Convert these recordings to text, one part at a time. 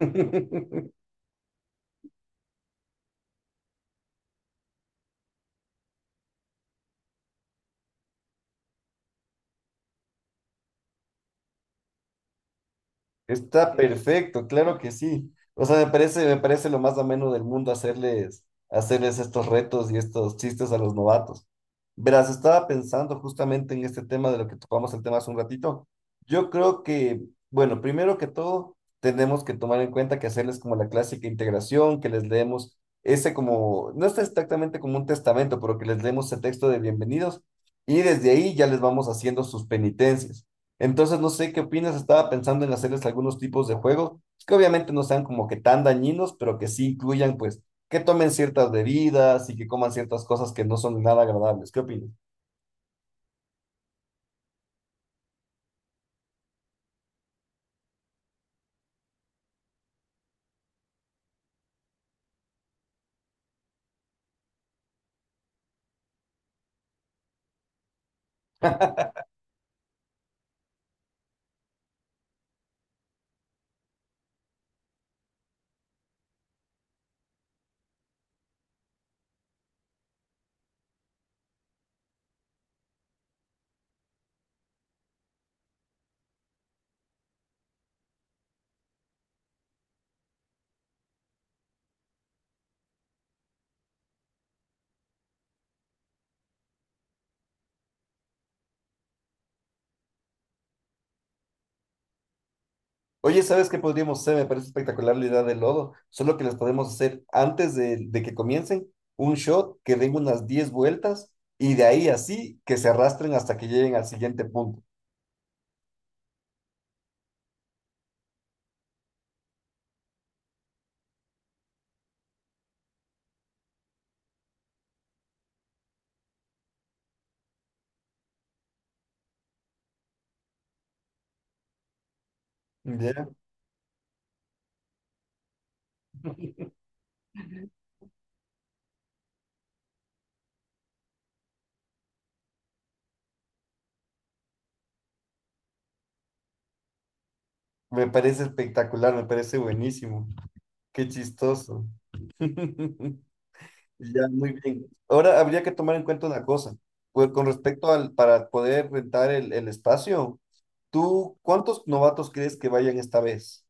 Está perfecto, claro que sí. O sea, me parece lo más ameno del mundo hacerles estos retos y estos chistes a los novatos. Verás, estaba pensando justamente en este tema de lo que tocamos el tema hace un ratito. Yo creo que, bueno, primero que todo, tenemos que tomar en cuenta que hacerles como la clásica integración, que les leemos ese como, no es exactamente como un testamento, pero que les leemos ese texto de bienvenidos y desde ahí ya les vamos haciendo sus penitencias. Entonces, no sé qué opinas, estaba pensando en hacerles algunos tipos de juegos que obviamente no sean como que tan dañinos, pero que sí incluyan, pues, que tomen ciertas bebidas y que coman ciertas cosas que no son nada agradables. ¿Qué opinas? Oye, ¿sabes qué podríamos hacer? Me parece espectacular la idea del lodo, solo que les podemos hacer antes de que comiencen un shot que den unas 10 vueltas y de ahí así que se arrastren hasta que lleguen al siguiente punto. ¿Ya? Me parece espectacular, me parece buenísimo. Qué chistoso. Ya, muy bien. Ahora habría que tomar en cuenta una cosa. Pues con respecto para poder rentar el espacio, ¿tú cuántos novatos crees que vayan esta vez?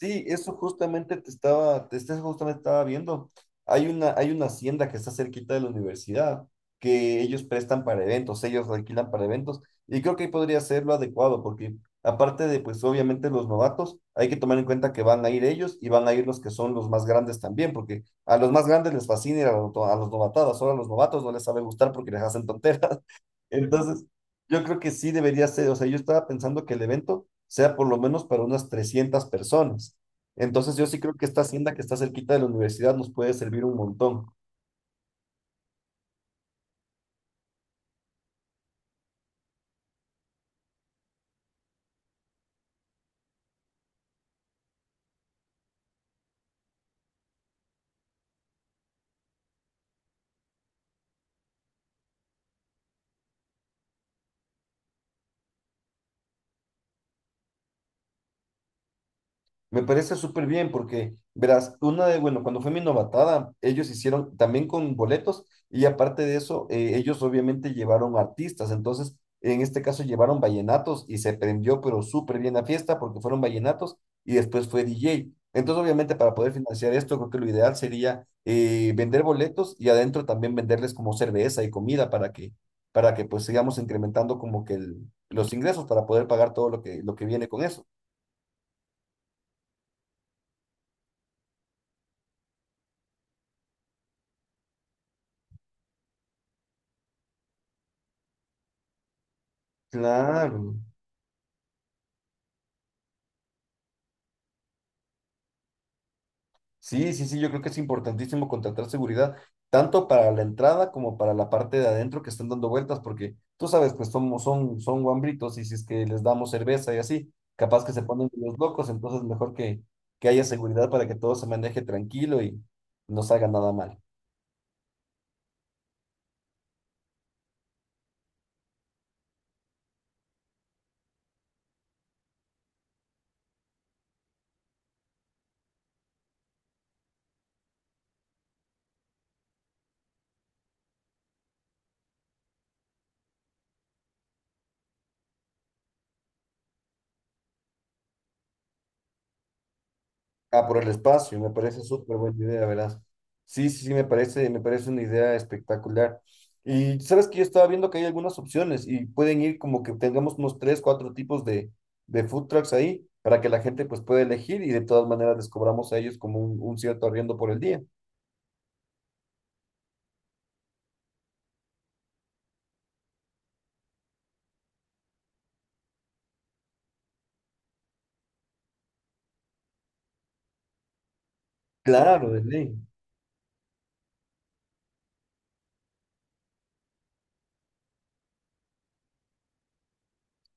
Sí, eso justamente te estaba, justamente estaba viendo. Hay una hacienda que está cerquita de la universidad que ellos prestan para eventos, ellos alquilan para eventos y creo que ahí podría ser lo adecuado porque aparte de pues obviamente los novatos, hay que tomar en cuenta que van a ir ellos y van a ir los que son los más grandes también porque a los más grandes les fascina ir a, a los novatadas, solo a los novatos no les sabe gustar porque les hacen tonteras. Entonces, yo creo que sí debería ser, o sea, yo estaba pensando que el evento sea por lo menos para unas 300 personas. Entonces, yo sí creo que esta hacienda que está cerquita de la universidad nos puede servir un montón. Me parece súper bien porque, verás, bueno, cuando fue mi novatada, ellos hicieron también con boletos y aparte de eso, ellos obviamente llevaron artistas. Entonces, en este caso llevaron vallenatos y se prendió, pero súper bien la fiesta porque fueron vallenatos y después fue DJ. Entonces, obviamente, para poder financiar esto, creo que lo ideal sería vender boletos y adentro también venderles como cerveza y comida para que pues sigamos incrementando como que los ingresos para poder pagar todo lo que viene con eso. Claro. Sí, sí, sí, yo creo que es importantísimo contratar seguridad, tanto para la entrada como para la parte de adentro que están dando vueltas, porque tú sabes, pues son guambritos y si es que les damos cerveza y así, capaz que se ponen los locos, entonces mejor que haya seguridad para que todo se maneje tranquilo y no salga nada mal. Ah, por el espacio, me parece súper buena idea, verás. Sí, sí, sí, me parece una idea espectacular. Y sabes que yo estaba viendo que hay algunas opciones y pueden ir como que tengamos unos tres, cuatro tipos de food trucks ahí para que la gente pues pueda elegir y de todas maneras les cobramos a ellos como un, cierto arriendo por el día. Claro, de ley.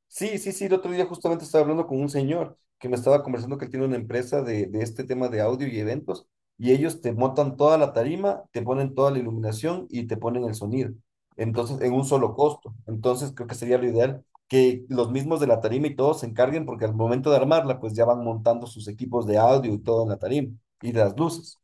Sí, sí, sí, el otro día justamente estaba hablando con un señor que me estaba conversando que él tiene una empresa de este tema de audio y eventos y ellos te montan toda la tarima, te ponen toda la iluminación y te ponen el sonido. Entonces, en un solo costo. Entonces, creo que sería lo ideal que los mismos de la tarima y todos se encarguen porque al momento de armarla, pues ya van montando sus equipos de audio y todo en la tarima y las luces.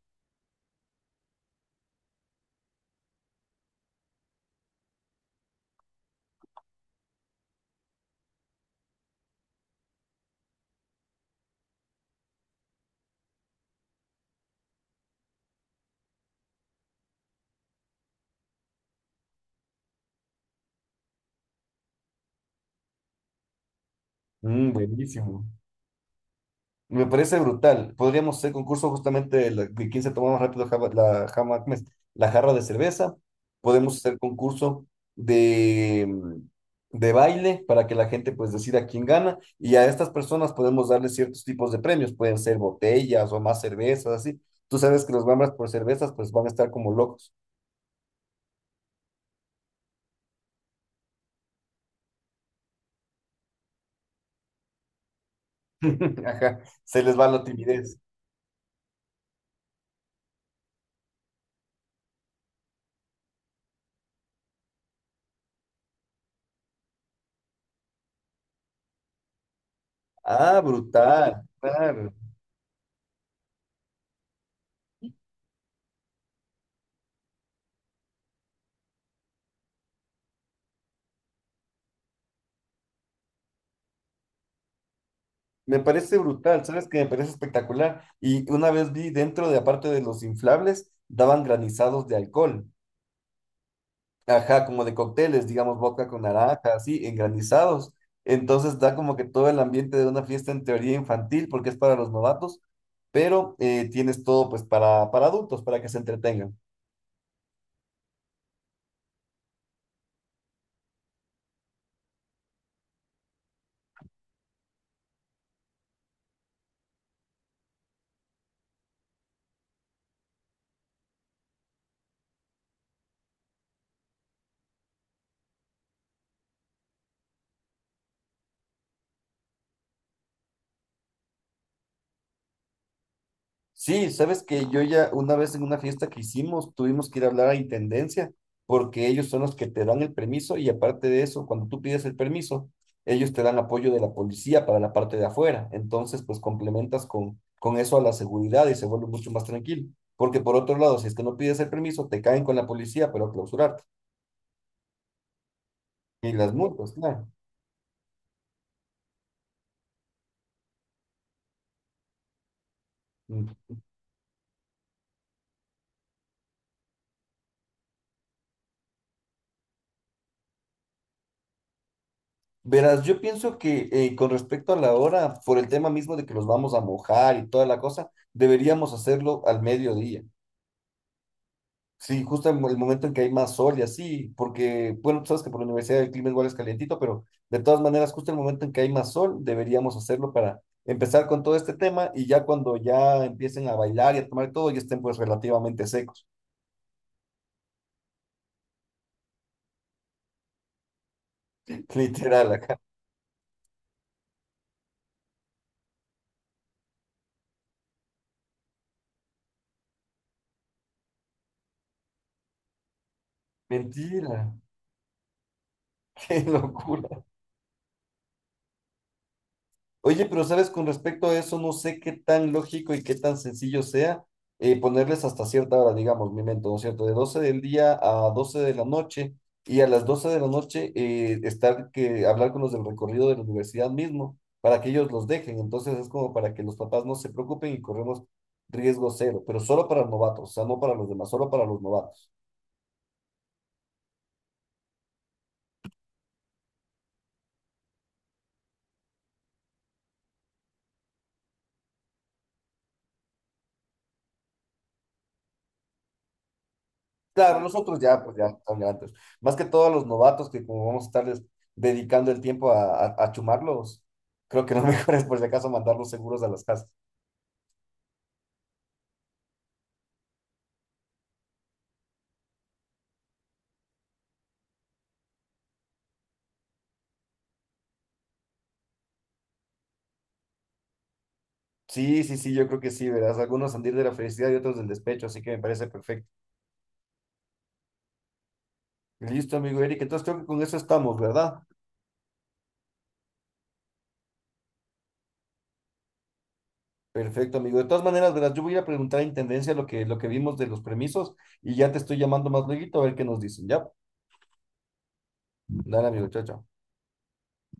Mm, buenísimo. Me parece brutal. Podríamos hacer concurso justamente de quién se toma más rápido ¿cómo es? La jarra de cerveza. Podemos hacer concurso de, mm, de baile para que la gente pues decida quién gana. Y a estas personas podemos darles ciertos tipos de premios. Pueden ser botellas o más cervezas, así. Tú sabes que los bambas por cervezas pues van a estar como locos. Ajá. Se les va la timidez. Ah, brutal. Claro. Me parece brutal, ¿sabes qué? Me parece espectacular. Y una vez vi dentro de, aparte de los inflables, daban granizados de alcohol. Ajá, como de cócteles, digamos, vodka con naranja, así, en granizados. Entonces da como que todo el ambiente de una fiesta en teoría infantil, porque es para los novatos, pero tienes todo pues para adultos, para que se entretengan. Sí, sabes que yo ya una vez en una fiesta que hicimos tuvimos que ir a hablar a Intendencia porque ellos son los que te dan el permiso y aparte de eso, cuando tú pides el permiso, ellos te dan apoyo de la policía para la parte de afuera. Entonces, pues complementas con eso a la seguridad y se vuelve mucho más tranquilo. Porque por otro lado, si es que no pides el permiso, te caen con la policía, pero a clausurarte. Y las multas, claro. Mm. Verás, yo pienso que con respecto a la hora, por el tema mismo de que los vamos a mojar y toda la cosa, deberíamos hacerlo al mediodía. Sí, justo en el momento en que hay más sol y así, porque, bueno, tú sabes que por la universidad el clima igual es calientito, pero de todas maneras, justo en el momento en que hay más sol, deberíamos hacerlo para empezar con todo este tema y ya cuando ya empiecen a bailar y a tomar todo, ya estén pues relativamente secos. Literal, acá. Mentira, qué locura. Oye, pero sabes, con respecto a eso, no sé qué tan lógico y qué tan sencillo sea ponerles hasta cierta hora, digamos, mi mento, ¿no es cierto? De 12 del día a 12 de la noche y a las 12 de la noche estar que hablar con los del recorrido de la universidad mismo para que ellos los dejen. Entonces es como para que los papás no se preocupen y corremos riesgo cero, pero solo para novatos, o sea, no para los demás, solo para los novatos. Claro, nosotros ya, pues ya están grandes. Más que todos los novatos que como vamos a estarles dedicando el tiempo a, a chumarlos, creo que lo mejor es por si acaso mandarlos seguros a las casas. Sí, sí, sí, yo creo que sí, verás. Algunos han de ir de la felicidad y otros del despecho, así que me parece perfecto. Listo, amigo Eric. Entonces creo que con eso estamos, ¿verdad? Perfecto, amigo. De todas maneras, verás, yo voy a ir a preguntar a Intendencia lo que vimos de los permisos y ya te estoy llamando más luego a ver qué nos dicen. Ya, dale, amigo, chao, chao.